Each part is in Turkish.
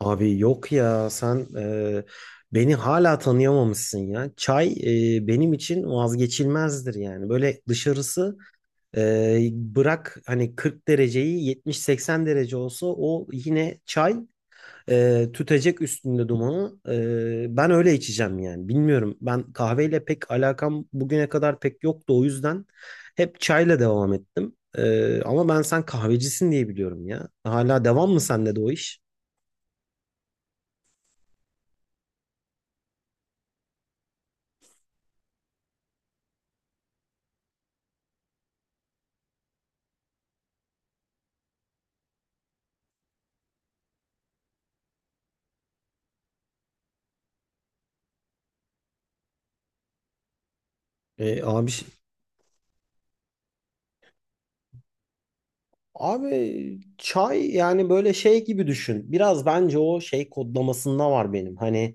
Abi yok ya sen beni hala tanıyamamışsın ya. Çay benim için vazgeçilmezdir yani. Böyle dışarısı bırak hani 40 dereceyi 70-80 derece olsa o yine çay tütecek üstünde dumanı. Ben öyle içeceğim yani. Bilmiyorum, ben kahveyle pek alakam bugüne kadar pek yoktu, o yüzden hep çayla devam ettim. Ama ben sen kahvecisin diye biliyorum ya. Hala devam mı sende de o iş? E, abi şey Abi çay yani böyle şey gibi düşün. Biraz bence o şey kodlamasında var benim. Hani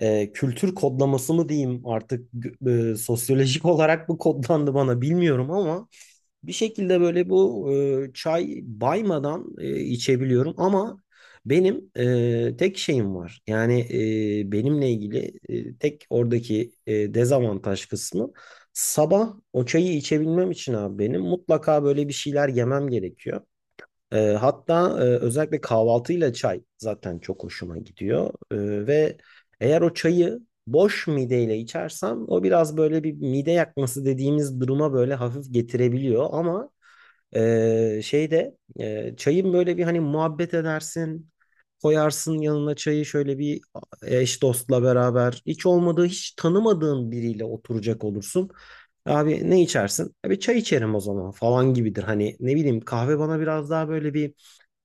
kültür kodlaması mı diyeyim artık, sosyolojik olarak mı kodlandı bana bilmiyorum, ama bir şekilde böyle bu çay baymadan içebiliyorum. Ama benim tek şeyim var. Yani benimle ilgili tek oradaki dezavantaj kısmı, sabah o çayı içebilmem için abi benim mutlaka böyle bir şeyler yemem gerekiyor. Hatta özellikle kahvaltıyla çay zaten çok hoşuma gidiyor. Ve eğer o çayı boş mideyle içersem, o biraz böyle bir mide yakması dediğimiz duruma böyle hafif getirebiliyor. Ama çayın böyle bir hani, muhabbet edersin. Koyarsın yanına çayı şöyle, bir eş dostla beraber. Hiç olmadığı, hiç tanımadığın biriyle oturacak olursun. Abi ne içersin? Abi çay içerim o zaman falan gibidir. Hani ne bileyim, kahve bana biraz daha böyle bir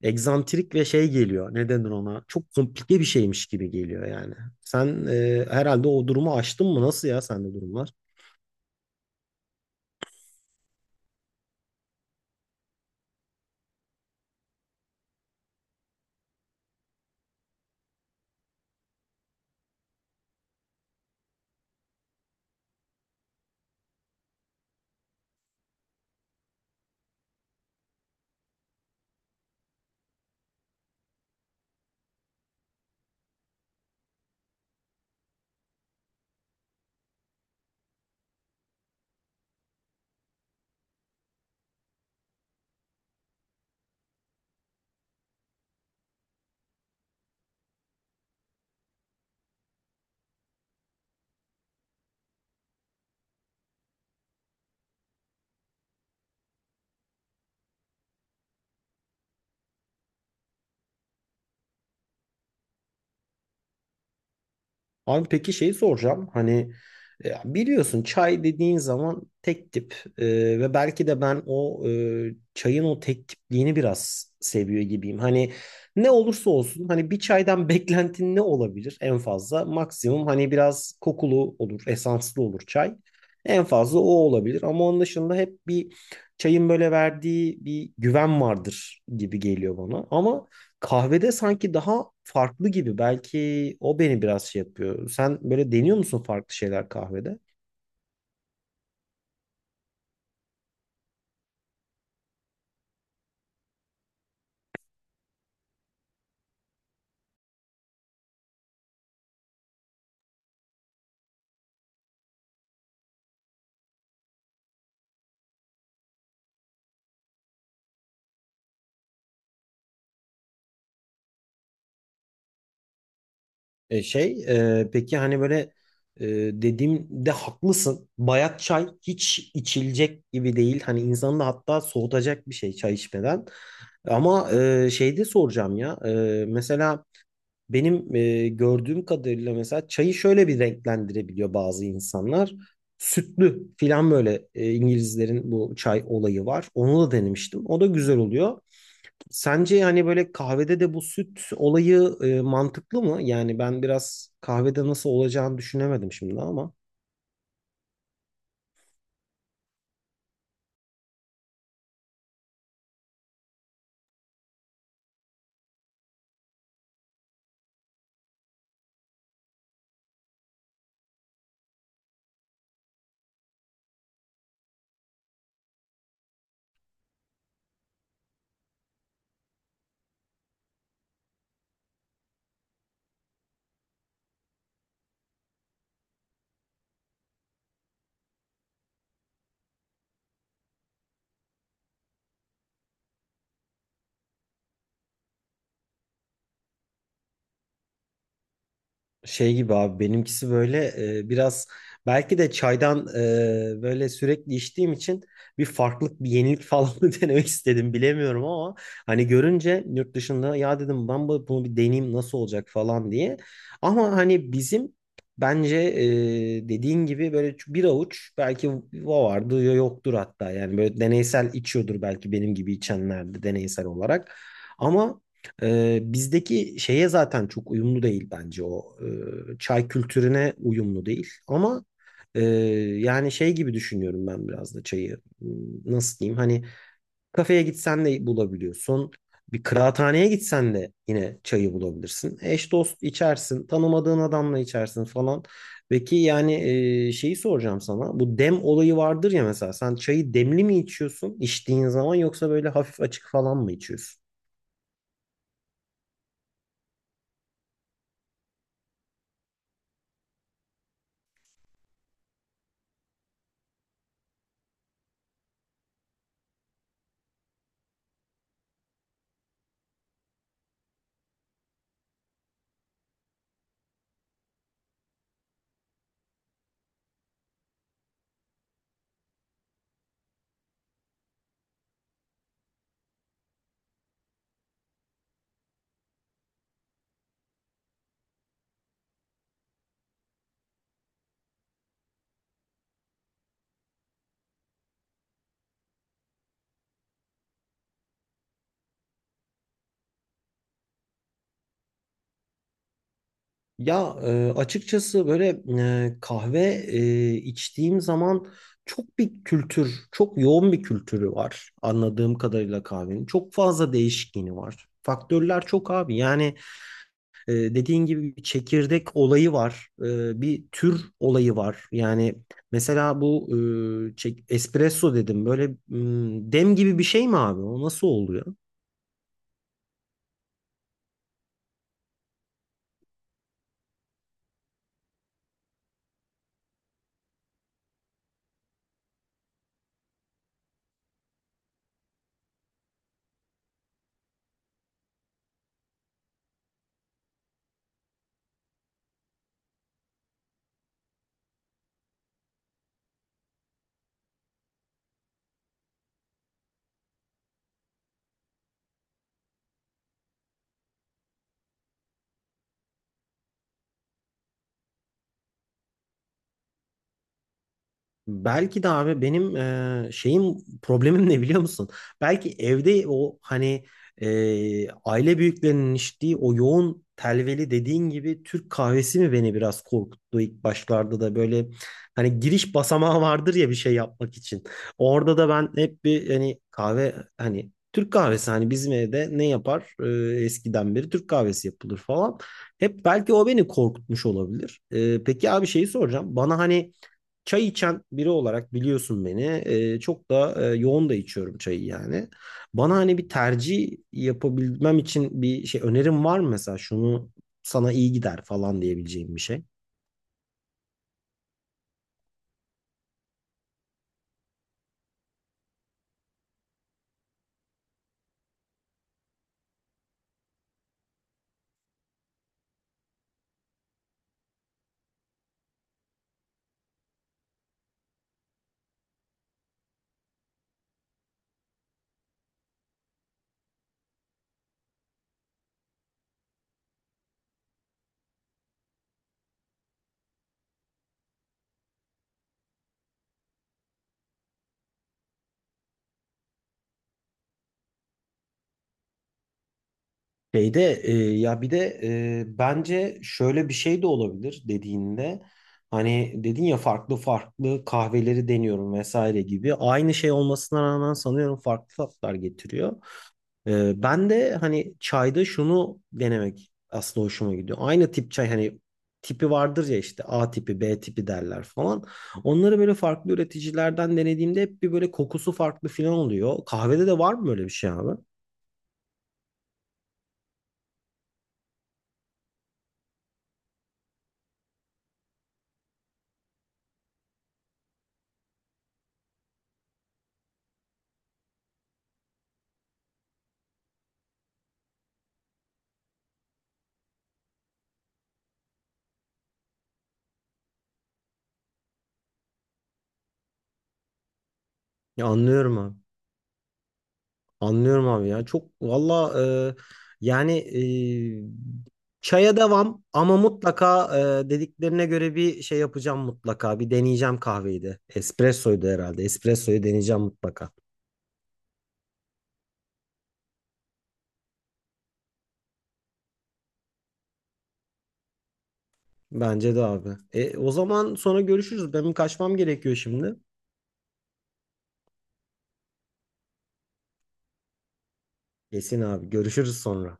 egzantrik ve şey geliyor. Ne denir ona? Çok komplike bir şeymiş gibi geliyor yani. Sen herhalde o durumu aştın mı? Nasıl ya, sende durumlar? Abi peki şeyi soracağım. Hani biliyorsun, çay dediğin zaman tek tip, ve belki de ben o çayın o tek tipliğini biraz seviyor gibiyim. Hani ne olursa olsun, hani bir çaydan beklentin ne olabilir en fazla? Maksimum hani biraz kokulu olur, esanslı olur çay. En fazla o olabilir, ama onun dışında hep bir çayın böyle verdiği bir güven vardır gibi geliyor bana. Ama kahvede sanki daha farklı gibi. Belki o beni biraz şey yapıyor. Sen böyle deniyor musun farklı şeyler kahvede? E şey, peki hani böyle e, dediğimde haklısın. Bayat çay hiç içilecek gibi değil. Hani insanı da hatta soğutacak bir şey, çay içmeden. Ama şeyde soracağım ya. Mesela benim gördüğüm kadarıyla, mesela çayı şöyle bir renklendirebiliyor bazı insanlar. Sütlü filan böyle, İngilizlerin bu çay olayı var. Onu da denemiştim. O da güzel oluyor. Sence yani böyle kahvede de bu süt olayı mantıklı mı? Yani ben biraz kahvede nasıl olacağını düşünemedim şimdi ama. Şey gibi abi, benimkisi böyle biraz, belki de çaydan böyle sürekli içtiğim için bir farklılık, bir yenilik falan mı denemek istedim bilemiyorum, ama hani görünce yurt dışında, ya dedim ben bunu bir deneyeyim nasıl olacak falan diye. Ama hani bizim, bence dediğin gibi böyle bir avuç belki o vardı ya yoktur. Hatta yani böyle deneysel içiyordur belki benim gibi içenler de, deneysel olarak. Ama bizdeki şeye zaten çok uyumlu değil bence o. Çay kültürüne uyumlu değil. Ama e, yani şey gibi düşünüyorum ben biraz da çayı. Nasıl diyeyim? Hani kafeye gitsen de bulabiliyorsun. Bir kıraathaneye gitsen de yine çayı bulabilirsin. Eş dost içersin. Tanımadığın adamla içersin falan. Peki yani şeyi soracağım sana. Bu dem olayı vardır ya mesela. Sen çayı demli mi içiyorsun içtiğin zaman, yoksa böyle hafif açık falan mı içiyorsun? Ya açıkçası böyle kahve içtiğim zaman çok bir kültür, çok yoğun bir kültürü var anladığım kadarıyla kahvenin. Çok fazla değişkeni var. Faktörler çok abi. Yani dediğin gibi bir çekirdek olayı var. Bir tür olayı var. Yani mesela bu espresso dedim. Böyle dem gibi bir şey mi abi? O nasıl oluyor? Belki de abi benim şeyim, problemim ne biliyor musun? Belki evde o hani e, aile büyüklerinin içtiği o yoğun telveli dediğin gibi Türk kahvesi mi beni biraz korkuttu ilk başlarda, da böyle hani giriş basamağı vardır ya bir şey yapmak için. Orada da ben hep bir, hani kahve, hani Türk kahvesi, hani bizim evde ne yapar? Eskiden beri Türk kahvesi yapılır falan. Hep belki o beni korkutmuş olabilir. Peki abi şeyi soracağım. Bana hani, çay içen biri olarak biliyorsun beni. Çok da yoğun da içiyorum çayı yani. Bana hani bir tercih yapabilmem için bir şey, önerim var mı mesela, şunu sana iyi gider falan diyebileceğim bir şey. Ya bir de bence şöyle bir şey de olabilir dediğinde, hani dedin ya farklı farklı kahveleri deniyorum vesaire gibi, aynı şey olmasına rağmen sanıyorum farklı tatlar getiriyor. Ben de hani çayda şunu denemek aslında hoşuma gidiyor. Aynı tip çay, hani tipi vardır ya, işte A tipi, B tipi derler falan. Onları böyle farklı üreticilerden denediğimde hep bir böyle kokusu farklı falan oluyor. Kahvede de var mı böyle bir şey abi? Ya anlıyorum abi. Anlıyorum abi ya. Çok valla e, yani, çaya devam, ama mutlaka dediklerine göre bir şey yapacağım mutlaka. Bir deneyeceğim kahveyi de. Espressoydu herhalde. Espressoyu deneyeceğim mutlaka. Bence de abi. O zaman sonra görüşürüz. Benim kaçmam gerekiyor şimdi. Kesin abi. Görüşürüz sonra.